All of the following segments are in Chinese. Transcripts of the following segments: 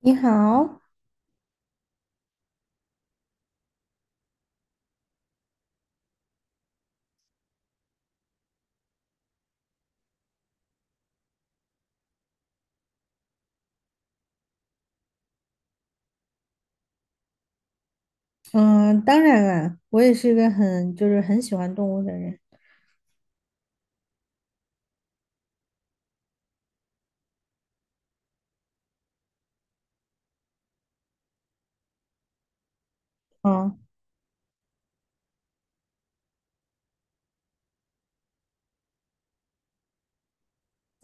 你好。嗯，当然了，我也是一个很就是很喜欢动物的人。啊，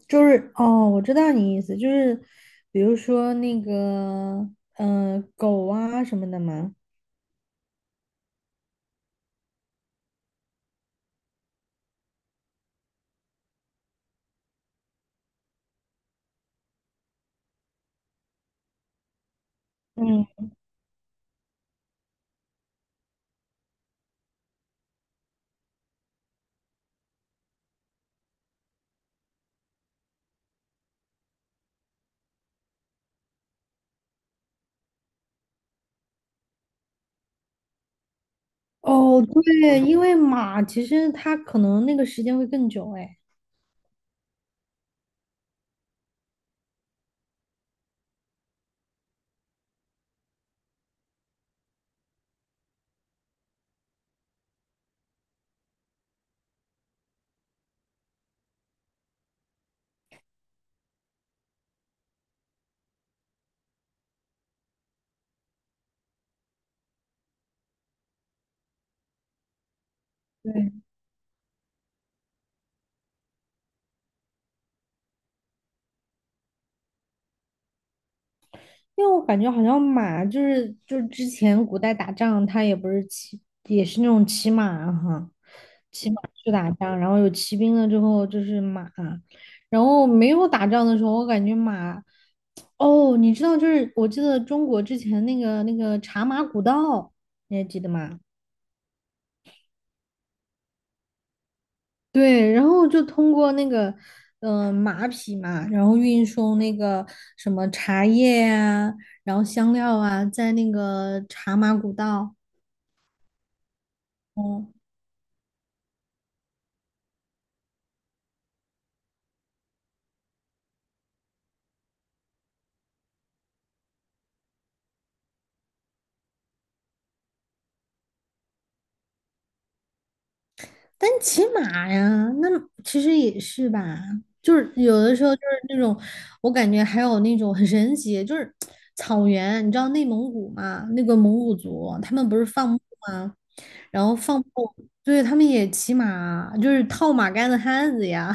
哦，我知道你意思，就是比如说那个，嗯、狗啊什么的嘛。嗯，哦，对，因为马其实它可能那个时间会更久，哎，对。因为我感觉好像马就是之前古代打仗，它也不是骑，也是那种骑马哈，骑马去打仗，然后有骑兵了之后就是马。然后没有打仗的时候，我感觉马，哦，你知道就是我记得中国之前那个茶马古道，你还记得吗？对，然后就通过那个，嗯马匹嘛，然后运送那个什么茶叶啊，然后香料啊，在那个茶马古道。哦，但骑马呀，那其实也是吧，就是有的时候就是那种，我感觉还有那种很神奇，就是草原。你知道内蒙古嘛？那个蒙古族他们不是放牧吗？然后放牧，对，他们也骑马，就是套马杆的汉子呀。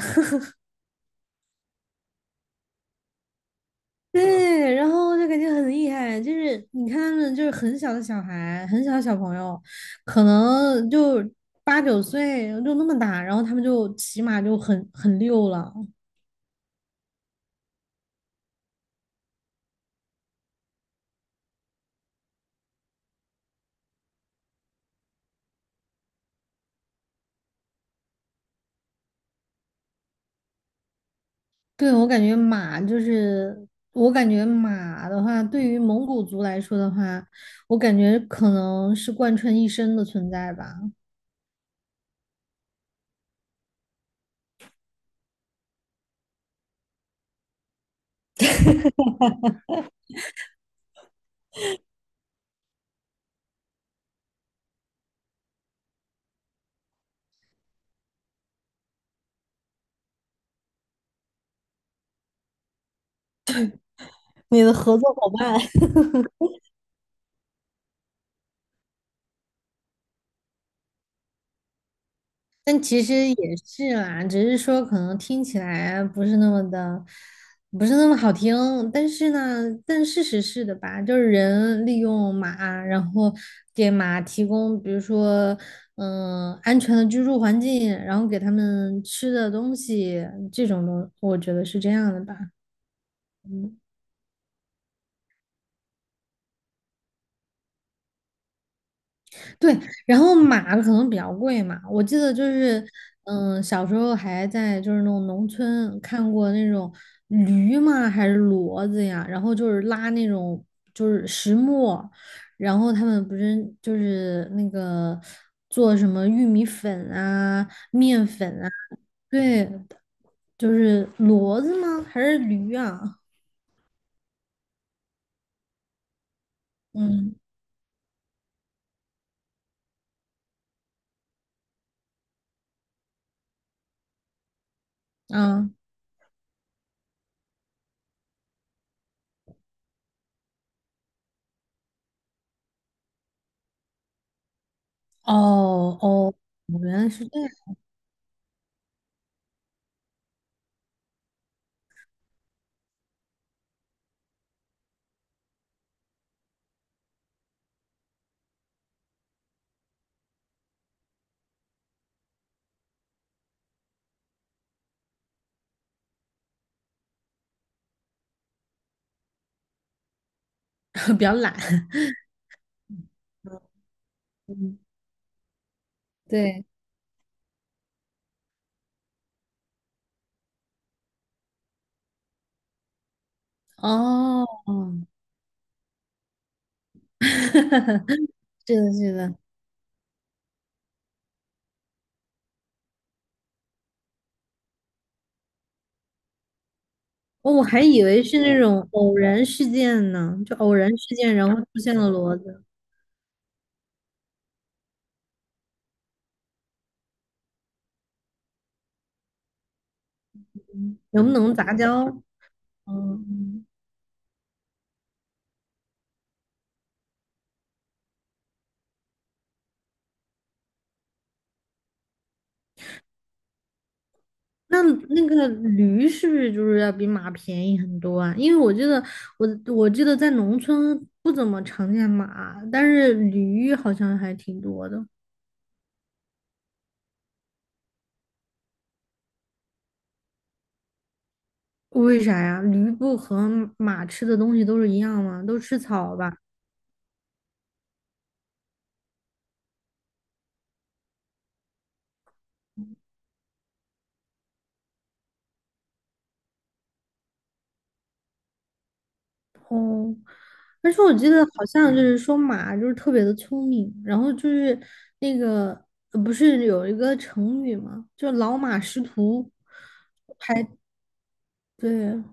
对，然后就感觉很厉害，就是你看他们就是很小的小孩，很小的小朋友，可能就八九岁就那么大，然后他们就骑马就很溜了。对，我感觉马的话，对于蒙古族来说的话，我感觉可能是贯穿一生的存在吧。你的合作伙伴。但其实也是啦，只是说可能听起来不是那么的，不是那么好听。但是呢，但事实是的吧，就是人利用马，然后给马提供，比如说，嗯、安全的居住环境，然后给他们吃的东西，这种东，我觉得是这样的吧。嗯对，然后马可能比较贵嘛，我记得就是，嗯，小时候还在就是那种农村看过那种驴嘛，还是骡子呀，然后就是拉那种就是石磨，然后他们不是就是那个做什么玉米粉啊、面粉啊。对，就是骡子吗？还是驴啊？嗯啊，哦哦，原来是这样。比较懒。嗯，对。哦，是的，是的。哦，我还以为是那种偶然事件呢，就偶然事件，然后出现了骡子，能不能杂交？嗯，那那个驴是不是就是要比马便宜很多啊？因为我记得我我记得在农村不怎么常见马，但是驴好像还挺多的。为啥呀？驴不和马吃的东西都是一样吗？都吃草吧？哦，而且我记得好像就是说马就是特别的聪明，然后就是那个呃不是有一个成语吗？就老马识途，还对。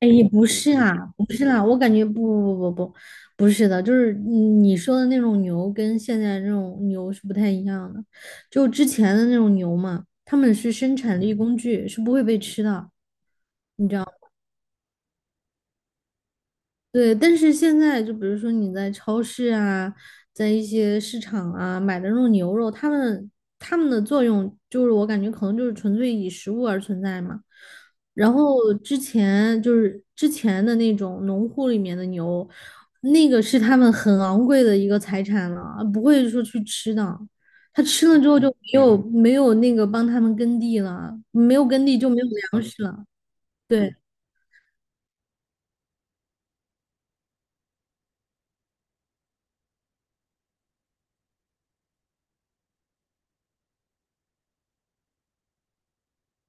哎也不是啊，不是啦，我感觉不是的，就是你说的那种牛跟现在这种牛是不太一样的，就之前的那种牛嘛，他们是生产力工具，是不会被吃的。对，但是现在就比如说你在超市啊，在一些市场啊买的那种牛肉，它们的作用就是我感觉可能就是纯粹以食物而存在嘛。然后之前的那种农户里面的牛，那个是他们很昂贵的一个财产了，不会说去吃的。他吃了之后就没有那个帮他们耕地了，没有耕地就没有粮食了。对。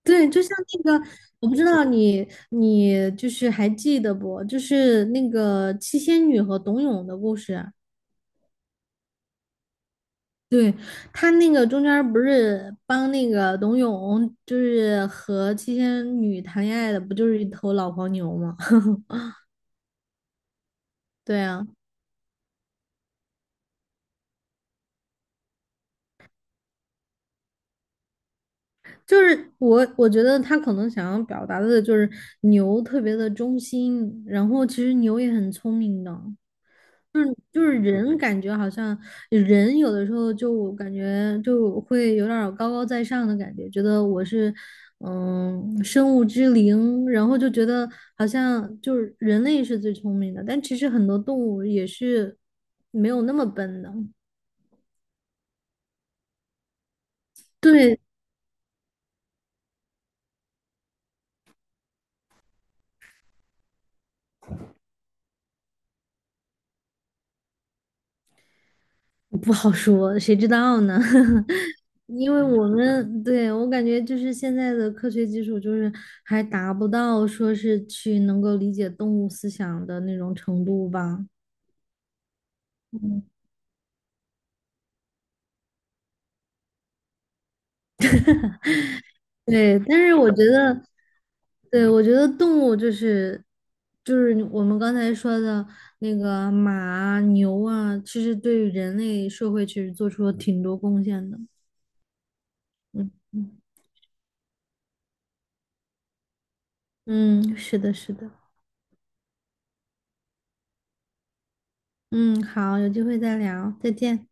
对，就像那个，我不知道你就是还记得不？就是那个七仙女和董永的故事。对，他那个中间儿不是帮那个董永，就是和七仙女谈恋爱的，不就是一头老黄牛吗？对啊，就是我觉得他可能想要表达的就是牛特别的忠心，然后其实牛也很聪明的。就是人感觉好像人有的时候就感觉就会有点儿高高在上的感觉，觉得我是嗯生物之灵，然后就觉得好像就是人类是最聪明的，但其实很多动物也是没有那么笨的。对，不好说，谁知道呢？因为我们对我感觉就是现在的科学技术，就是还达不到说是去能够理解动物思想的那种程度吧。嗯，对，但是我觉得，对，我觉得动物就是就是我们刚才说的那个马啊、牛啊，其实对于人类社会其实做出了挺多贡献的。嗯嗯，嗯，是的，是的。嗯，好，有机会再聊，再见。